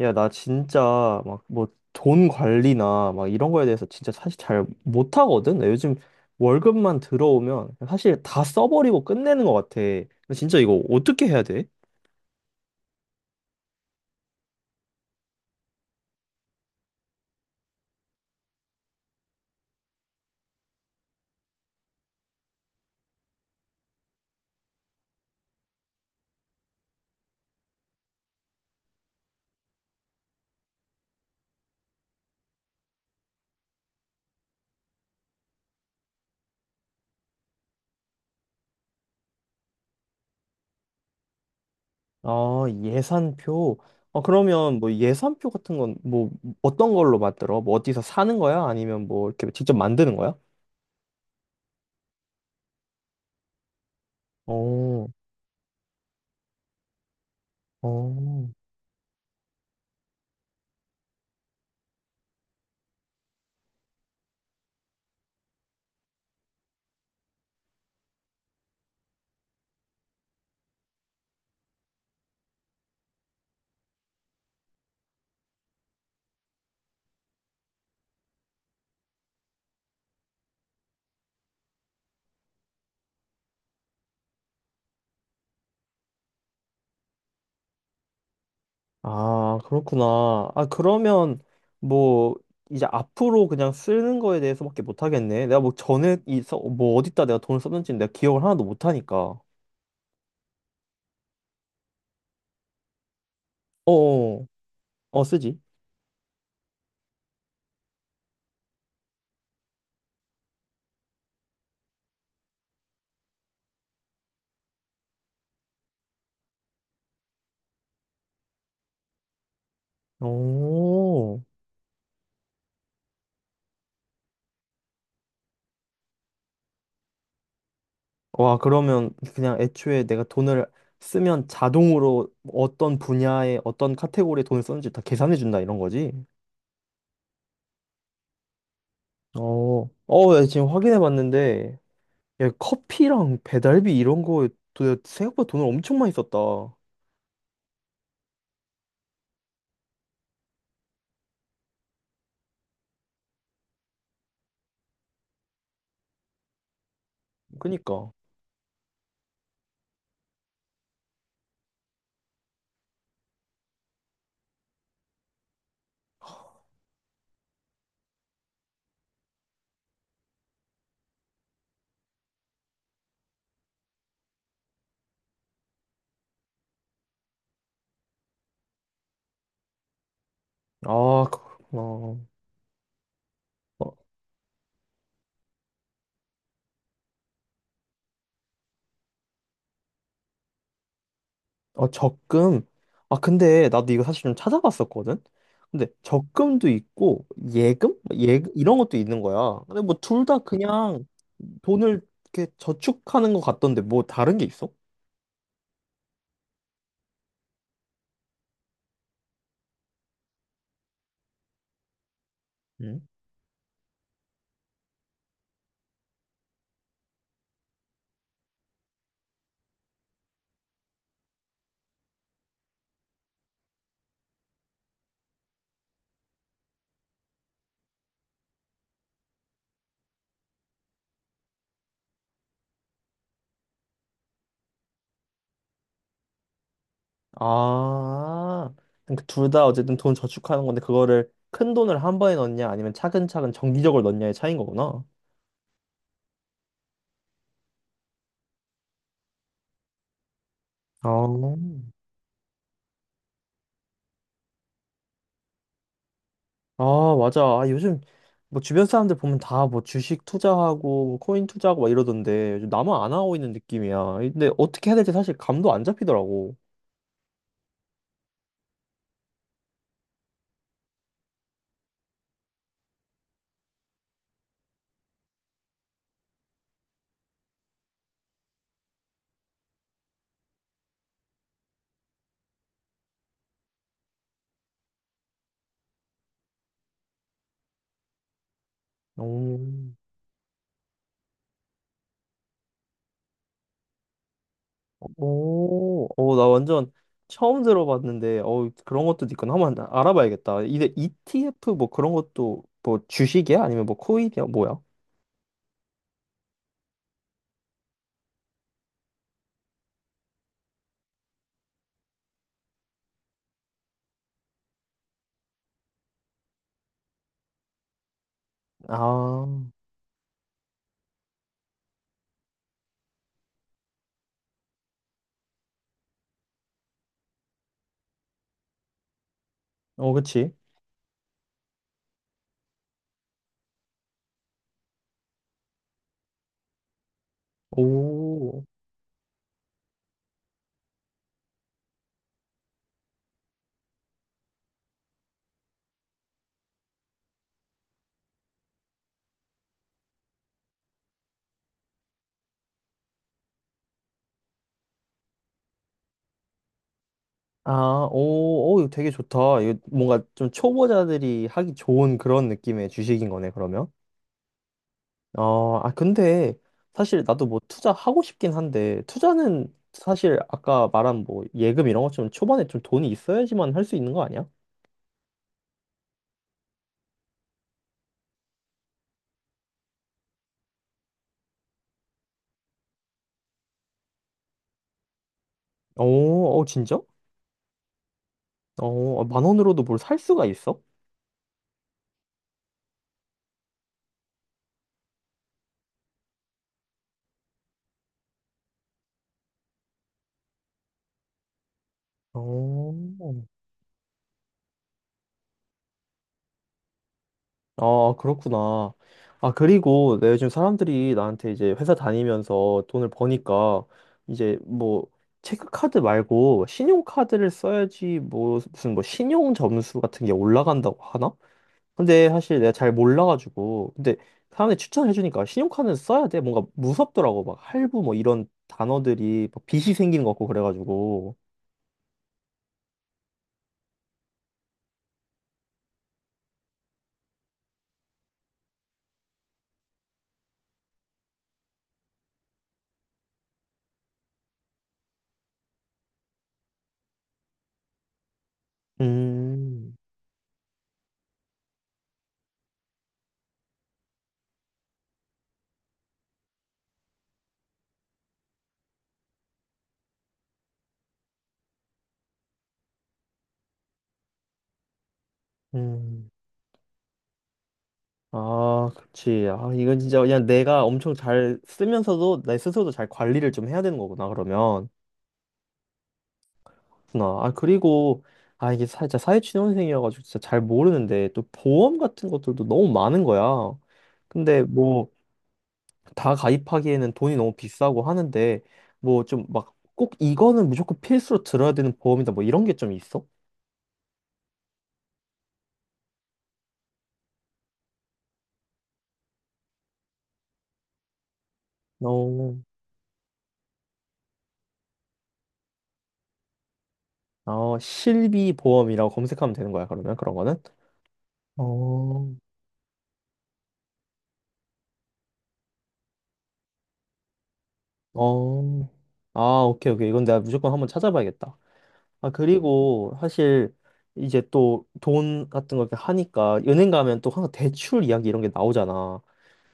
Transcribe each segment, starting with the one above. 야, 나 진짜 막 뭐 돈 관리나 막 이런 거에 대해서 진짜 사실 잘 못하거든. 나 요즘 월급만 들어오면 사실 다 써버리고 끝내는 것 같아. 나 진짜 이거 어떻게 해야 돼? 아, 예산표. 아, 그러면 뭐 예산표 같은 건 뭐 어떤 걸로 만들어? 뭐 어디서 사는 거야? 아니면 뭐 이렇게 직접 만드는 거야? 오, 오. 아, 그렇구나. 아, 그러면 뭐 이제 앞으로 그냥 쓰는 거에 대해서밖에 못 하겠네. 내가 뭐 전에 있어 뭐 어디다 내가 돈을 썼는지 내가 기억을 하나도 못 하니까. 어어. 어, 쓰지. 오. 와, 그러면 그냥 애초에 내가 돈을 쓰면 자동으로 어떤 분야에 어떤 카테고리에 돈을 썼는지 다 계산해 준다 이런 거지. 어. 어, 야, 지금 확인해 봤는데 야, 커피랑 배달비 이런 거에 생각보다 돈을 엄청 많이 썼다. 그니까. 아, 그렇구나. 어, 어, 어, 적금. 아, 근데 나도 이거 사실 좀 찾아봤었거든? 근데 적금도 있고, 예금? 뭐 예, 이런 것도 있는 거야. 근데 뭐 둘 다 그냥 돈을 이렇게 저축하는 것 같던데 뭐 다른 게 있어? 응? 아, 그러니까 둘다 어쨌든 돈 저축하는 건데 그거를 큰 돈을 한 번에 넣냐 아니면 차근차근 정기적으로 넣냐의 차이인 거구나. 아. 아, 맞아. 아, 요즘 뭐 주변 사람들 보면 다 뭐 주식 투자하고 뭐 코인 투자하고 막 이러던데 요즘 나만 안 하고 있는 느낌이야. 근데 어떻게 해야 될지 사실 감도 안 잡히더라고. 오, 오, 오, 나 완전 처음 들어봤는데 어 그런 것도 있구나. 한번 알아봐야겠다. 이게 ETF 뭐 그런 것도 뭐 주식이야? 아니면 뭐 코인이야? 뭐야? 아, 어, 그치. 오, 아, 오, 오, 이거 되게 좋다. 이거 뭔가 좀 초보자들이 하기 좋은 그런 느낌의 주식인 거네, 그러면. 어, 아, 근데 사실 나도 뭐 투자하고 싶긴 한데, 투자는 사실 아까 말한 뭐 예금 이런 것처럼 초반에 좀 돈이 있어야지만 할 수 있는 거 아니야? 오, 어, 진짜? 어, 아, 만 원으로도 뭘 살 수가 있어? 어. 아, 그렇구나. 아, 그리고 내 요즘 사람들이 나한테 이제 회사 다니면서 돈을 버니까 이제 뭐 체크카드 말고 신용카드를 써야지 뭐 무슨 뭐 신용 점수 같은 게 올라간다고 하나? 근데 사실 내가 잘 몰라가지고 근데 사람들이 추천해 주니까 신용카드는 써야 돼. 뭔가 무섭더라고. 막 할부 뭐 이런 단어들이 막 빚이 생기는 것 같고 그래가지고. 음, 음. 아, 그치. 아, 이건 진짜 그냥 내가 엄청 잘 쓰면서도 내 스스로도 잘 관리를 좀 해야 되는 거구나, 그러면. 그렇구나. 아, 그리고, 아, 이게 사, 진짜 사회초년생이어가지고 진짜 잘 모르는데, 또 보험 같은 것들도 너무 많은 거야. 근데 뭐, 다 가입하기에는 돈이 너무 비싸고 하는데, 뭐 좀 막 꼭 이거는 무조건 필수로 들어야 되는 보험이다, 뭐 이런 게 좀 있어? 어, 어, 실비 보험이라고 검색하면 되는 거야, 그러면 그런 거는? 어. 어, 아, 오케이, 오케이. 이건 내가 무조건 한번 찾아봐야겠다. 아, 그리고 사실 이제 또 돈 같은 거 이렇게 하니까 은행 가면 또 항상 대출 이야기 이런 게 나오잖아.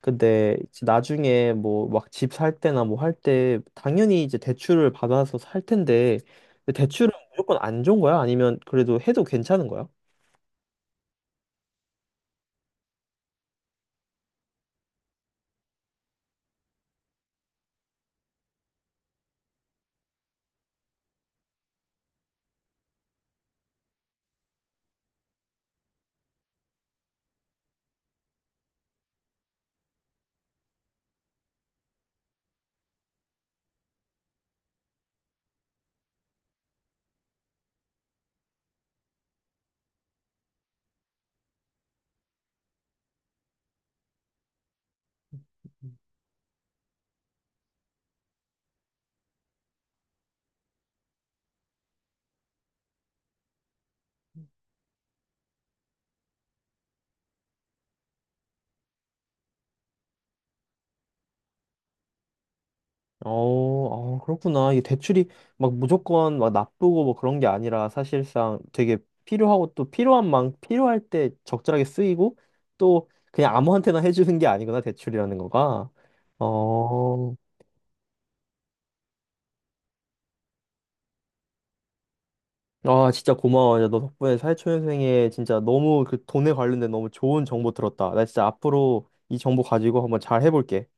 근데 이제 나중에 뭐 막 집 살 때나 뭐 할 때 당연히 이제 대출을 받아서 살 텐데 근데 대출은 무조건 안 좋은 거야? 아니면 그래도 해도 괜찮은 거야? 어, 아, 그렇구나. 이게 대출이 막 무조건 막 나쁘고 뭐 그런 게 아니라 사실상 되게 필요하고 또 필요한 만 필요할 때 적절하게 쓰이고 또 그냥 아무한테나 해주는 게 아니구나, 대출이라는 거가. 어, 아, 진짜 고마워. 야, 너 덕분에 사회초년생에 진짜 너무 그 돈에 관련된 너무 좋은 정보 들었다. 나 진짜 앞으로 이 정보 가지고 한번 잘 해볼게.